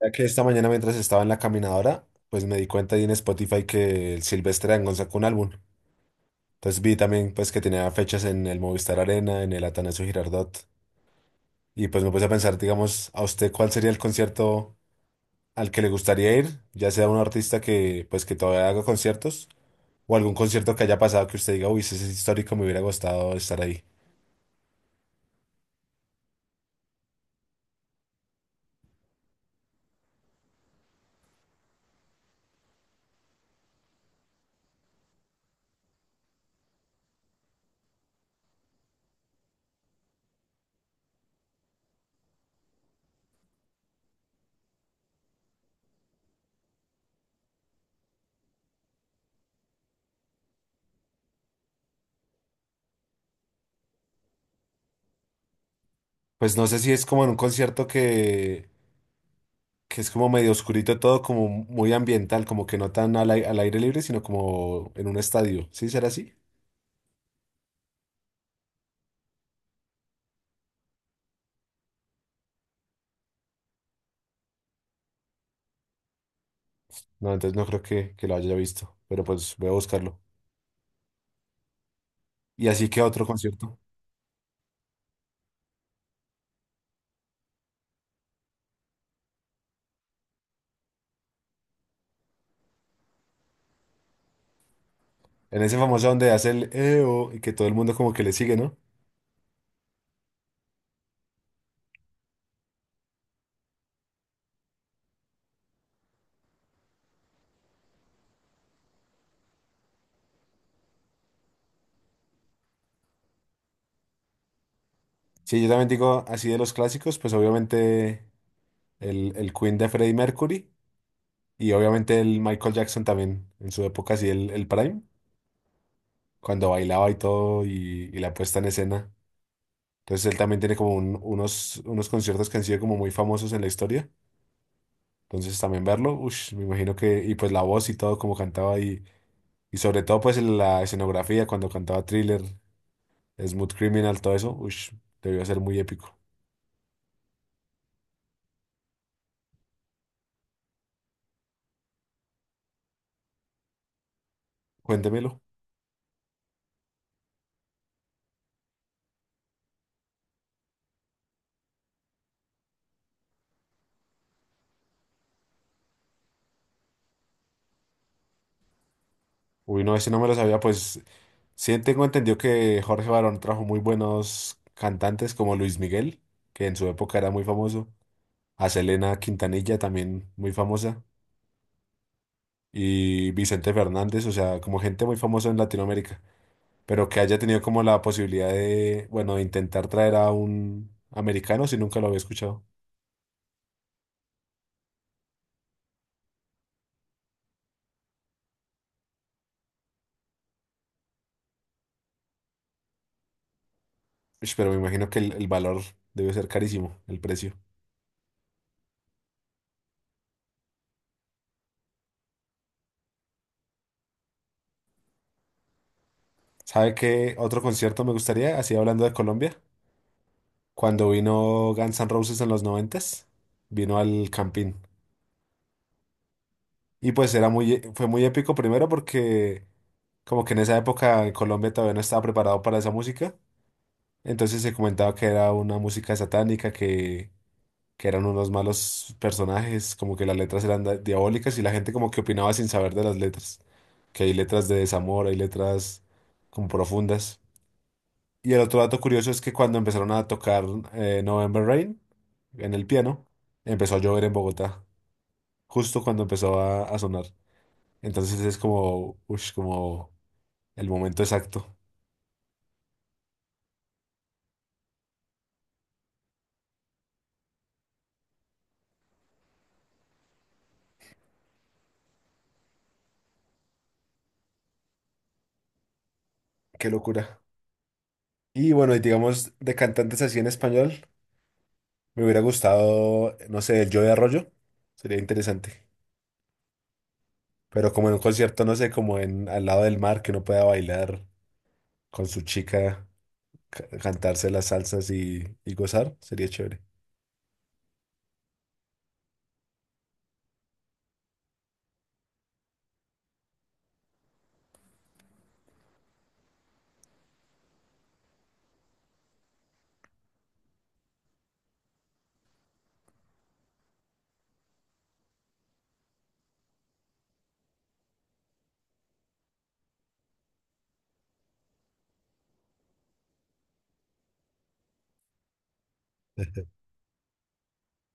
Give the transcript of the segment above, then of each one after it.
Ya que esta mañana mientras estaba en la caminadora, pues me di cuenta ahí en Spotify que el Silvestre Dangond sacó un álbum. Entonces vi también pues que tenía fechas en el Movistar Arena, en el Atanasio Girardot. Y pues me puse a pensar, digamos, a usted cuál sería el concierto al que le gustaría ir, ya sea un artista que pues que todavía haga conciertos o algún concierto que haya pasado que usted diga, uy, ese es histórico, me hubiera gustado estar ahí. Pues no sé si es como en un concierto que es como medio oscurito todo, como muy ambiental, como que no tan al, al aire libre, sino como en un estadio. ¿Sí será así? No, entonces no creo que lo haya visto, pero pues voy a buscarlo. Y así que otro concierto. En ese famoso donde hace el EO y que todo el mundo como que le sigue, ¿no? Sí, yo también digo así de los clásicos, pues obviamente el Queen de Freddie Mercury y obviamente el Michael Jackson también en su época, así el Prime, cuando bailaba y todo y la puesta en escena. Entonces él también tiene como unos, unos conciertos que han sido como muy famosos en la historia. Entonces también verlo, ush, me imagino que, y pues la voz y todo como cantaba y sobre todo pues en la escenografía cuando cantaba Thriller, Smooth Criminal, todo eso, ush, debió ser muy épico. Cuéntemelo. Uy, no, ese no me lo sabía, pues sí tengo entendido que Jorge Barón trajo muy buenos cantantes como Luis Miguel, que en su época era muy famoso, a Selena Quintanilla también muy famosa, y Vicente Fernández, o sea, como gente muy famosa en Latinoamérica, pero que haya tenido como la posibilidad de, bueno, de intentar traer a un americano, si nunca lo había escuchado. Ush, pero me imagino que el valor debe ser carísimo, el precio. ¿Sabe qué otro concierto me gustaría? Así hablando de Colombia, cuando vino Guns N' Roses en los noventas, vino al Campín. Y pues era muy, fue muy épico primero porque como que en esa época en Colombia todavía no estaba preparado para esa música. Entonces se comentaba que era una música satánica, que eran unos malos personajes, como que las letras eran diabólicas y la gente como que opinaba sin saber de las letras, que hay letras de desamor, hay letras como profundas. Y el otro dato curioso es que cuando empezaron a tocar November Rain en el piano, empezó a llover en Bogotá, justo cuando empezó a sonar. Entonces es como, ush, como el momento exacto. Qué locura. Y bueno, y digamos de cantantes así en español. Me hubiera gustado, no sé, el Joe de Arroyo. Sería interesante. Pero como en un concierto, no sé, como en al lado del mar, que uno pueda bailar con su chica, cantarse las salsas y gozar, sería chévere.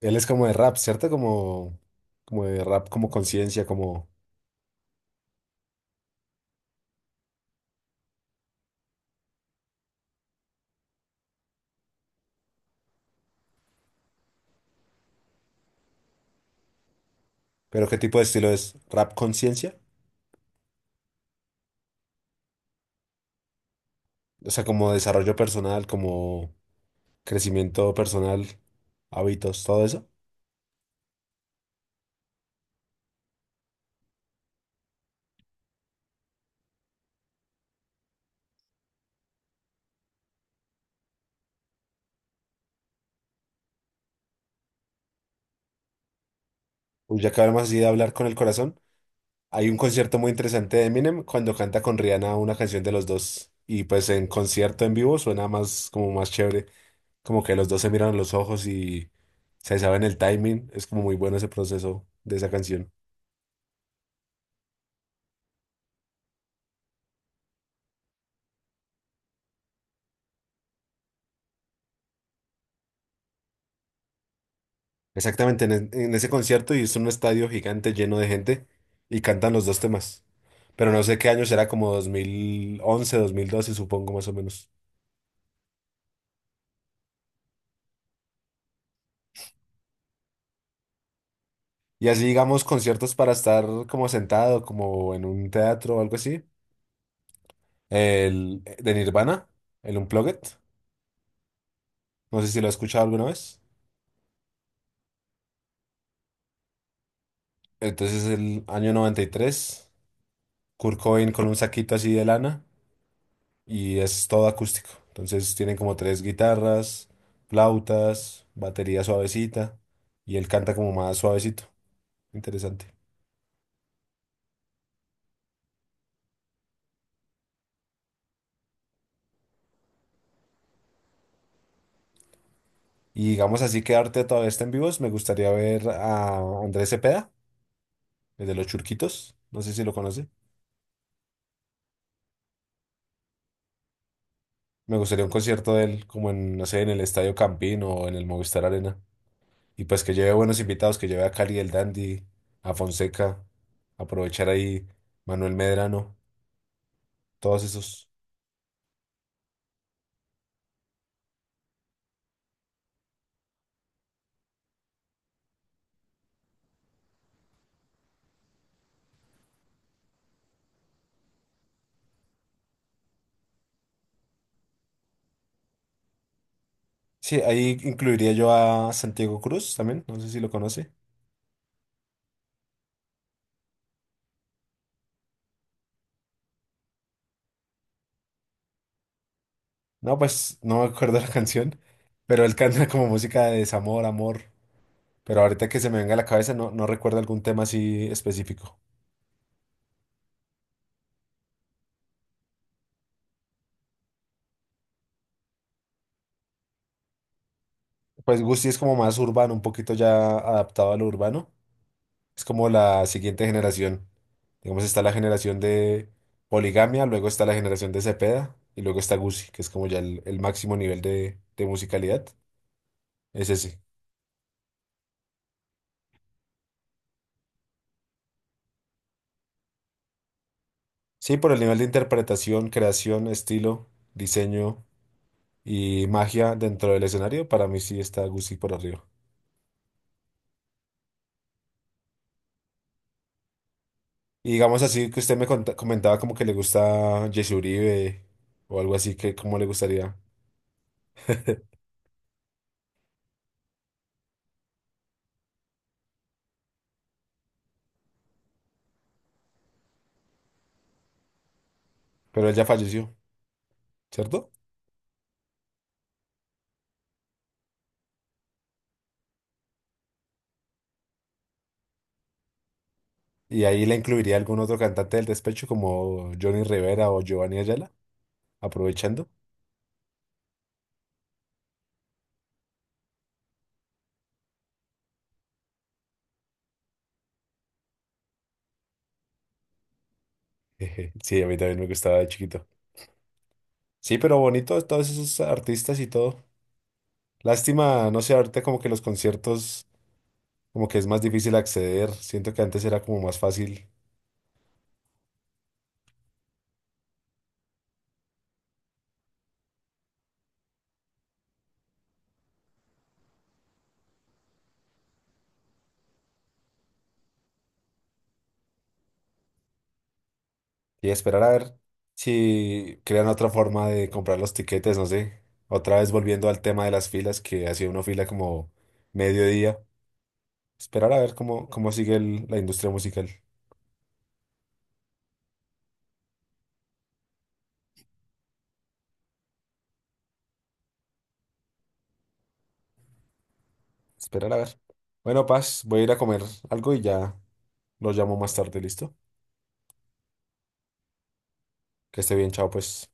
Él es como de rap, ¿cierto? Como, como de rap, como conciencia, como... Pero ¿qué tipo de estilo es? ¿Rap conciencia? O sea, como desarrollo personal, como crecimiento personal, hábitos, todo eso. Uy, ya acabamos así de hablar con el corazón. Hay un concierto muy interesante de Eminem cuando canta con Rihanna una canción de los dos. Y pues en concierto en vivo suena más como más chévere. Como que los dos se miran a los ojos y se saben el timing. Es como muy bueno ese proceso de esa canción. Exactamente, en ese concierto y es un estadio gigante lleno de gente y cantan los dos temas. Pero no sé qué año será, como 2011, 2012 supongo, más o menos. Y así digamos conciertos para estar como sentado, como en un teatro o algo así. El de Nirvana, el Unplugged. No sé si lo has escuchado alguna vez. Entonces el año 93 Kurt Cobain con un saquito así de lana, y es todo acústico. Entonces tienen como tres guitarras, flautas, batería suavecita, y él canta como más suavecito. Interesante. Y digamos así que Arte todavía está en vivos. Me gustaría ver a Andrés Cepeda, el de los Churquitos. No sé si lo conoce. Me gustaría un concierto de él como en, no sé, en el Estadio Campín o en el Movistar Arena. Y pues que lleve buenos invitados, que lleve a Cali el Dandy, a Fonseca, aprovechar ahí Manuel Medrano, todos esos. Sí, ahí incluiría yo a Santiago Cruz también, no sé si lo conoce. No, pues no me acuerdo la canción, pero él canta como música de desamor, amor. Pero ahorita que se me venga a la cabeza no, no recuerdo algún tema así específico. Pues Gusti es como más urbano, un poquito ya adaptado a lo urbano. Es como la siguiente generación. Digamos, está la generación de Poligamia, luego está la generación de Cepeda y luego está Guzzi, que es como ya el máximo nivel de musicalidad. Es ese. Sí, por el nivel de interpretación, creación, estilo, diseño y magia dentro del escenario, para mí sí está Guzzi por arriba. Y digamos así que usted me comentaba como que le gusta Jesse Uribe o algo así, que como le gustaría. Pero él ya falleció, ¿cierto? Y ahí la incluiría algún otro cantante del despecho como Johnny Rivera o Giovanni Ayala, aprovechando. Jeje. Sí, a mí también me gustaba de chiquito. Sí, pero bonito todos esos artistas y todo. Lástima, no sé, ahorita como que los conciertos como que es más difícil acceder. Siento que antes era como más fácil, y esperar a ver si crean otra forma de comprar los tiquetes, no sé. Otra vez volviendo al tema de las filas, que hacía una fila como mediodía. Esperar a ver cómo, cómo sigue la industria musical. Esperar a ver. Bueno, Paz, voy a ir a comer algo y ya lo llamo más tarde, ¿listo? Que esté bien, chao, pues.